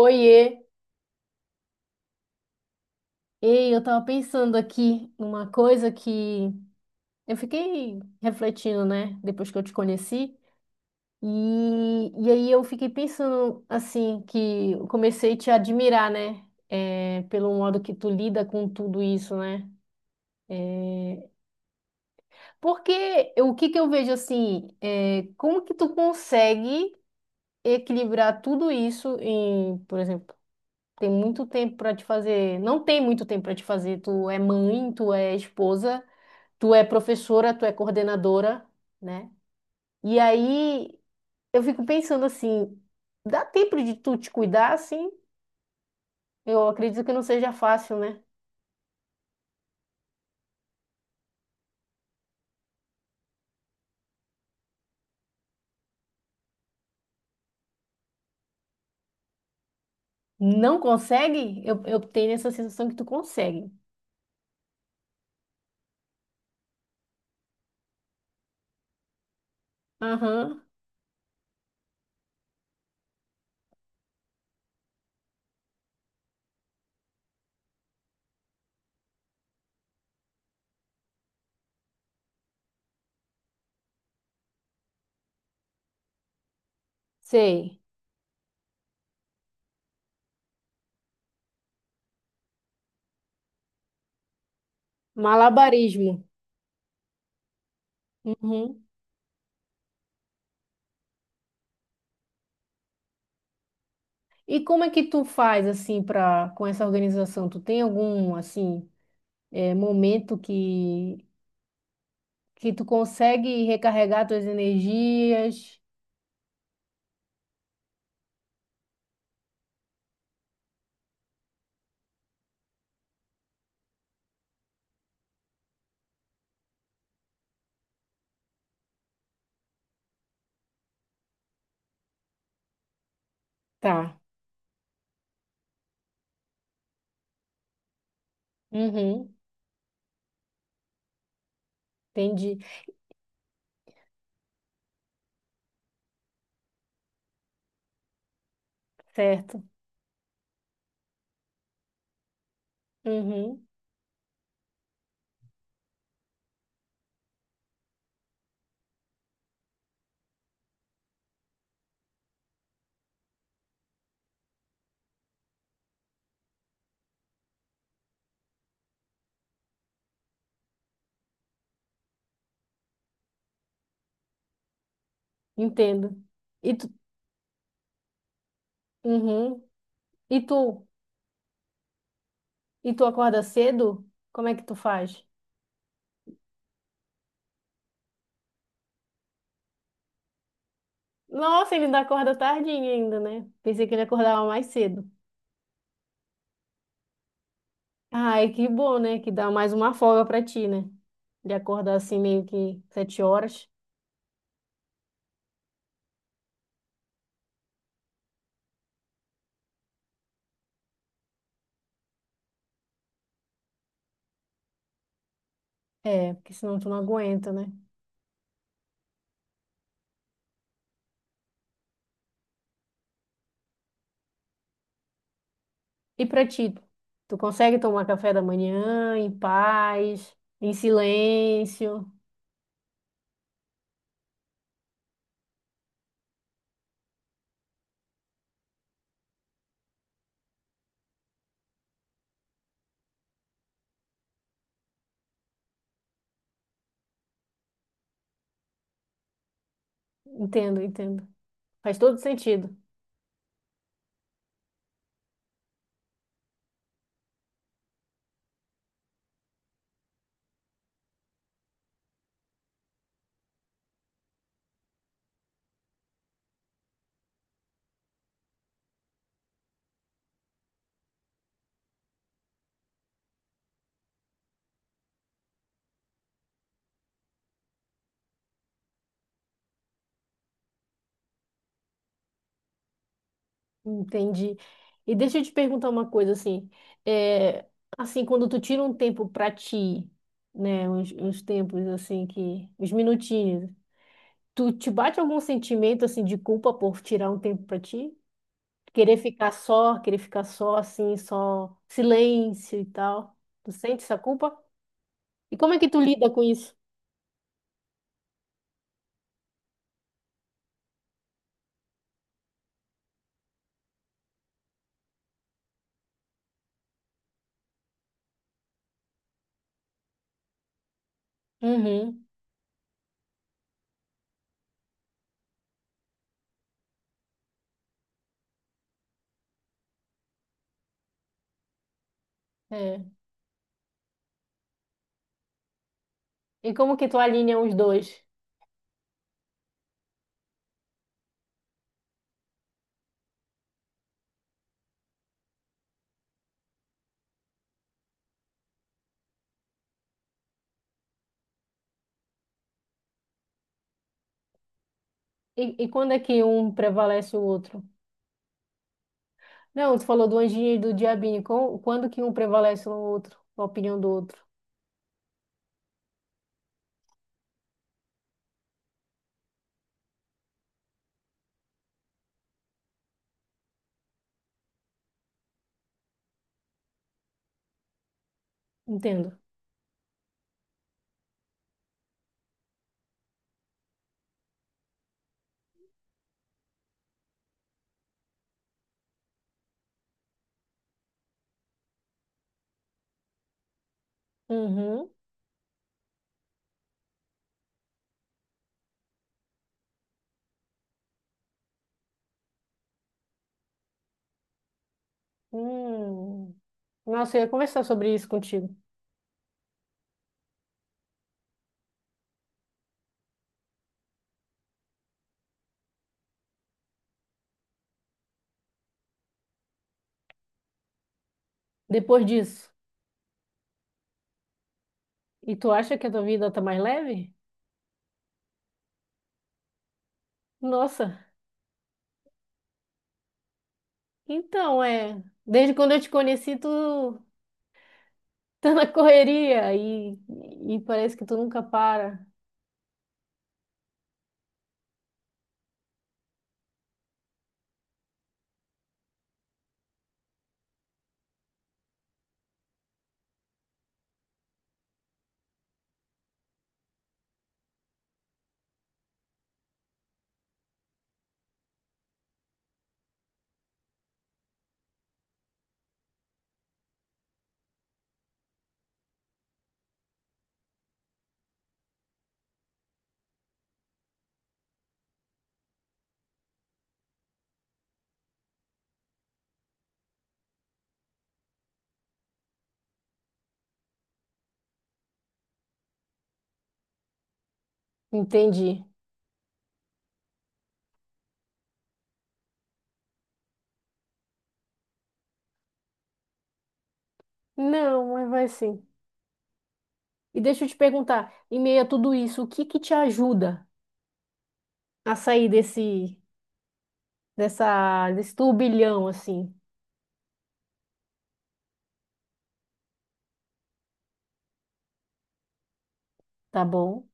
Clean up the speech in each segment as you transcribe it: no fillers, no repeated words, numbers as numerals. Oiê! Ei, eu tava pensando aqui numa coisa que eu fiquei refletindo, né? Depois que eu te conheci. E aí eu fiquei pensando, assim, que eu comecei a te admirar, né? É, pelo modo que tu lida com tudo isso, né? É, porque o que que eu vejo, assim, é, como que tu consegue equilibrar tudo isso em, por exemplo, tem muito tempo para te fazer. Não tem muito tempo para te fazer. Tu é mãe, tu é esposa. Tu é professora, tu é coordenadora, né? E aí eu fico pensando assim, dá tempo de tu te cuidar, assim? Eu acredito que não seja fácil, né? Não consegue? Eu tenho essa sensação que tu consegue. Aham, sei. Malabarismo. Uhum. E como é que tu faz assim para com essa organização? Tu tem algum assim momento que tu consegue recarregar tuas energias? Tá. Uhum. Entendi. Certo. Uhum. Entendo. E tu, uhum. E tu, e tu acorda cedo? Como é que tu faz? Nossa, ele ainda acorda tardinho ainda, né? Pensei que ele acordava mais cedo. Ai, que bom, né? Que dá mais uma folga pra ti, né? Ele acordar assim meio que 7 horas. É, porque senão tu não aguenta, né? E pra ti, tu consegue tomar café da manhã em paz, em silêncio? Entendo, entendo. Faz todo sentido. Entendi. E deixa eu te perguntar uma coisa assim, é, assim quando tu tira um tempo pra ti, né, uns tempos assim que, uns minutinhos, tu te bate algum sentimento assim de culpa por tirar um tempo pra ti? Querer ficar só assim, só silêncio e tal. Tu sente essa culpa? E como é que tu lida com isso? Uhum, é. E como que tu alinha os dois? E quando é que um prevalece o outro? Não, tu falou do anjinho e do diabinho. Quando que um prevalece no outro, na opinião do outro? Entendo. Uhum. Hum. Nossa, eu ia conversar sobre isso contigo. Depois disso. E tu acha que a tua vida tá mais leve? Nossa. Então, é. Desde quando eu te conheci, tu tá na correria e parece que tu nunca para. Entendi. Não, mas vai sim. E deixa eu te perguntar, em meio a tudo isso, o que que te ajuda a sair desse turbilhão assim, tá bom?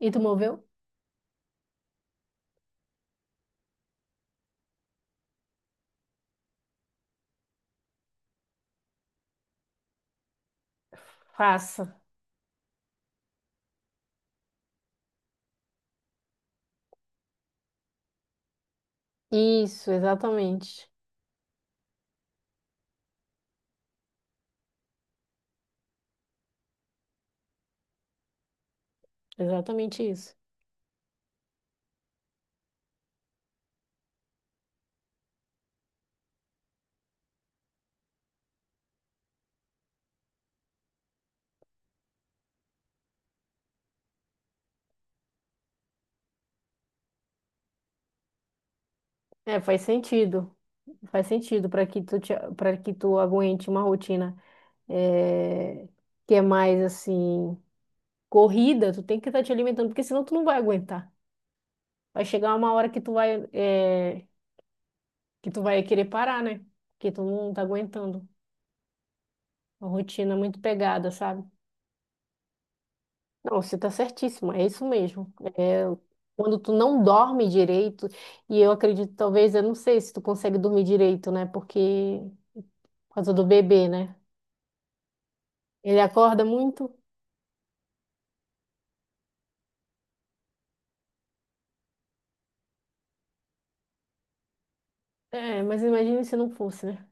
E tu moveu? Faça. Isso, exatamente. Exatamente isso. É, faz sentido. Faz sentido para que tu te, para que tu aguente uma rotina é, que é mais assim corrida, tu tem que estar te alimentando, porque senão tu não vai aguentar. Vai chegar uma hora que tu vai querer parar, né? Porque tu não tá aguentando. A rotina é muito pegada, sabe? Não, você tá certíssima, é isso mesmo. É, quando tu não dorme direito, e eu acredito, talvez, eu não sei se tu consegue dormir direito, né? Porque, por causa do bebê, né? Ele acorda muito. É, mas imagine se não fosse, né?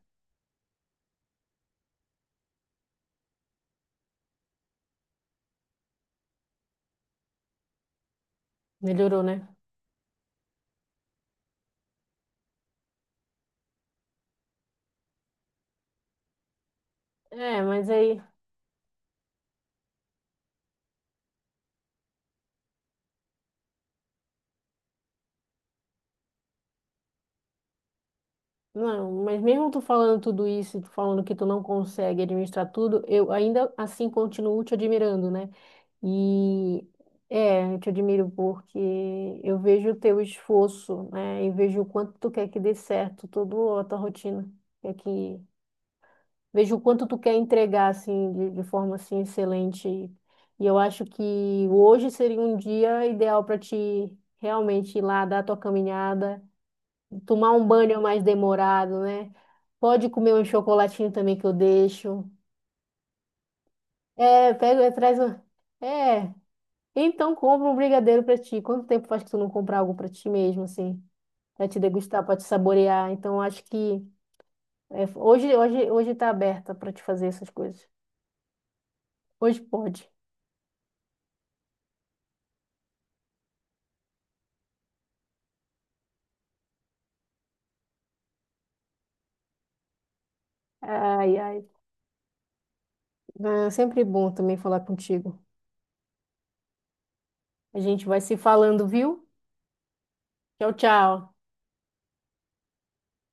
Melhorou, né? É, mas aí. Não, mas mesmo tu falando tudo isso, tu falando que tu não consegue administrar tudo, eu ainda assim continuo te admirando, né? E eu te admiro porque eu vejo o teu esforço, né? E vejo o quanto tu quer que dê certo toda a tua rotina. É que vejo o quanto tu quer entregar assim de, forma assim excelente. E eu acho que hoje seria um dia ideal para ti realmente ir lá dar a tua caminhada, tomar um banho mais demorado, né? Pode comer um chocolatinho também que eu deixo. É, pega, traz um. É. Então, compra um brigadeiro pra ti. Quanto tempo faz que tu não compra algo pra ti mesmo, assim? Pra te degustar, pra te saborear. Então, acho que hoje, hoje, hoje tá aberta pra te fazer essas coisas. Hoje pode. Ai, ai. É sempre bom também falar contigo. A gente vai se falando, viu? Tchau, tchau.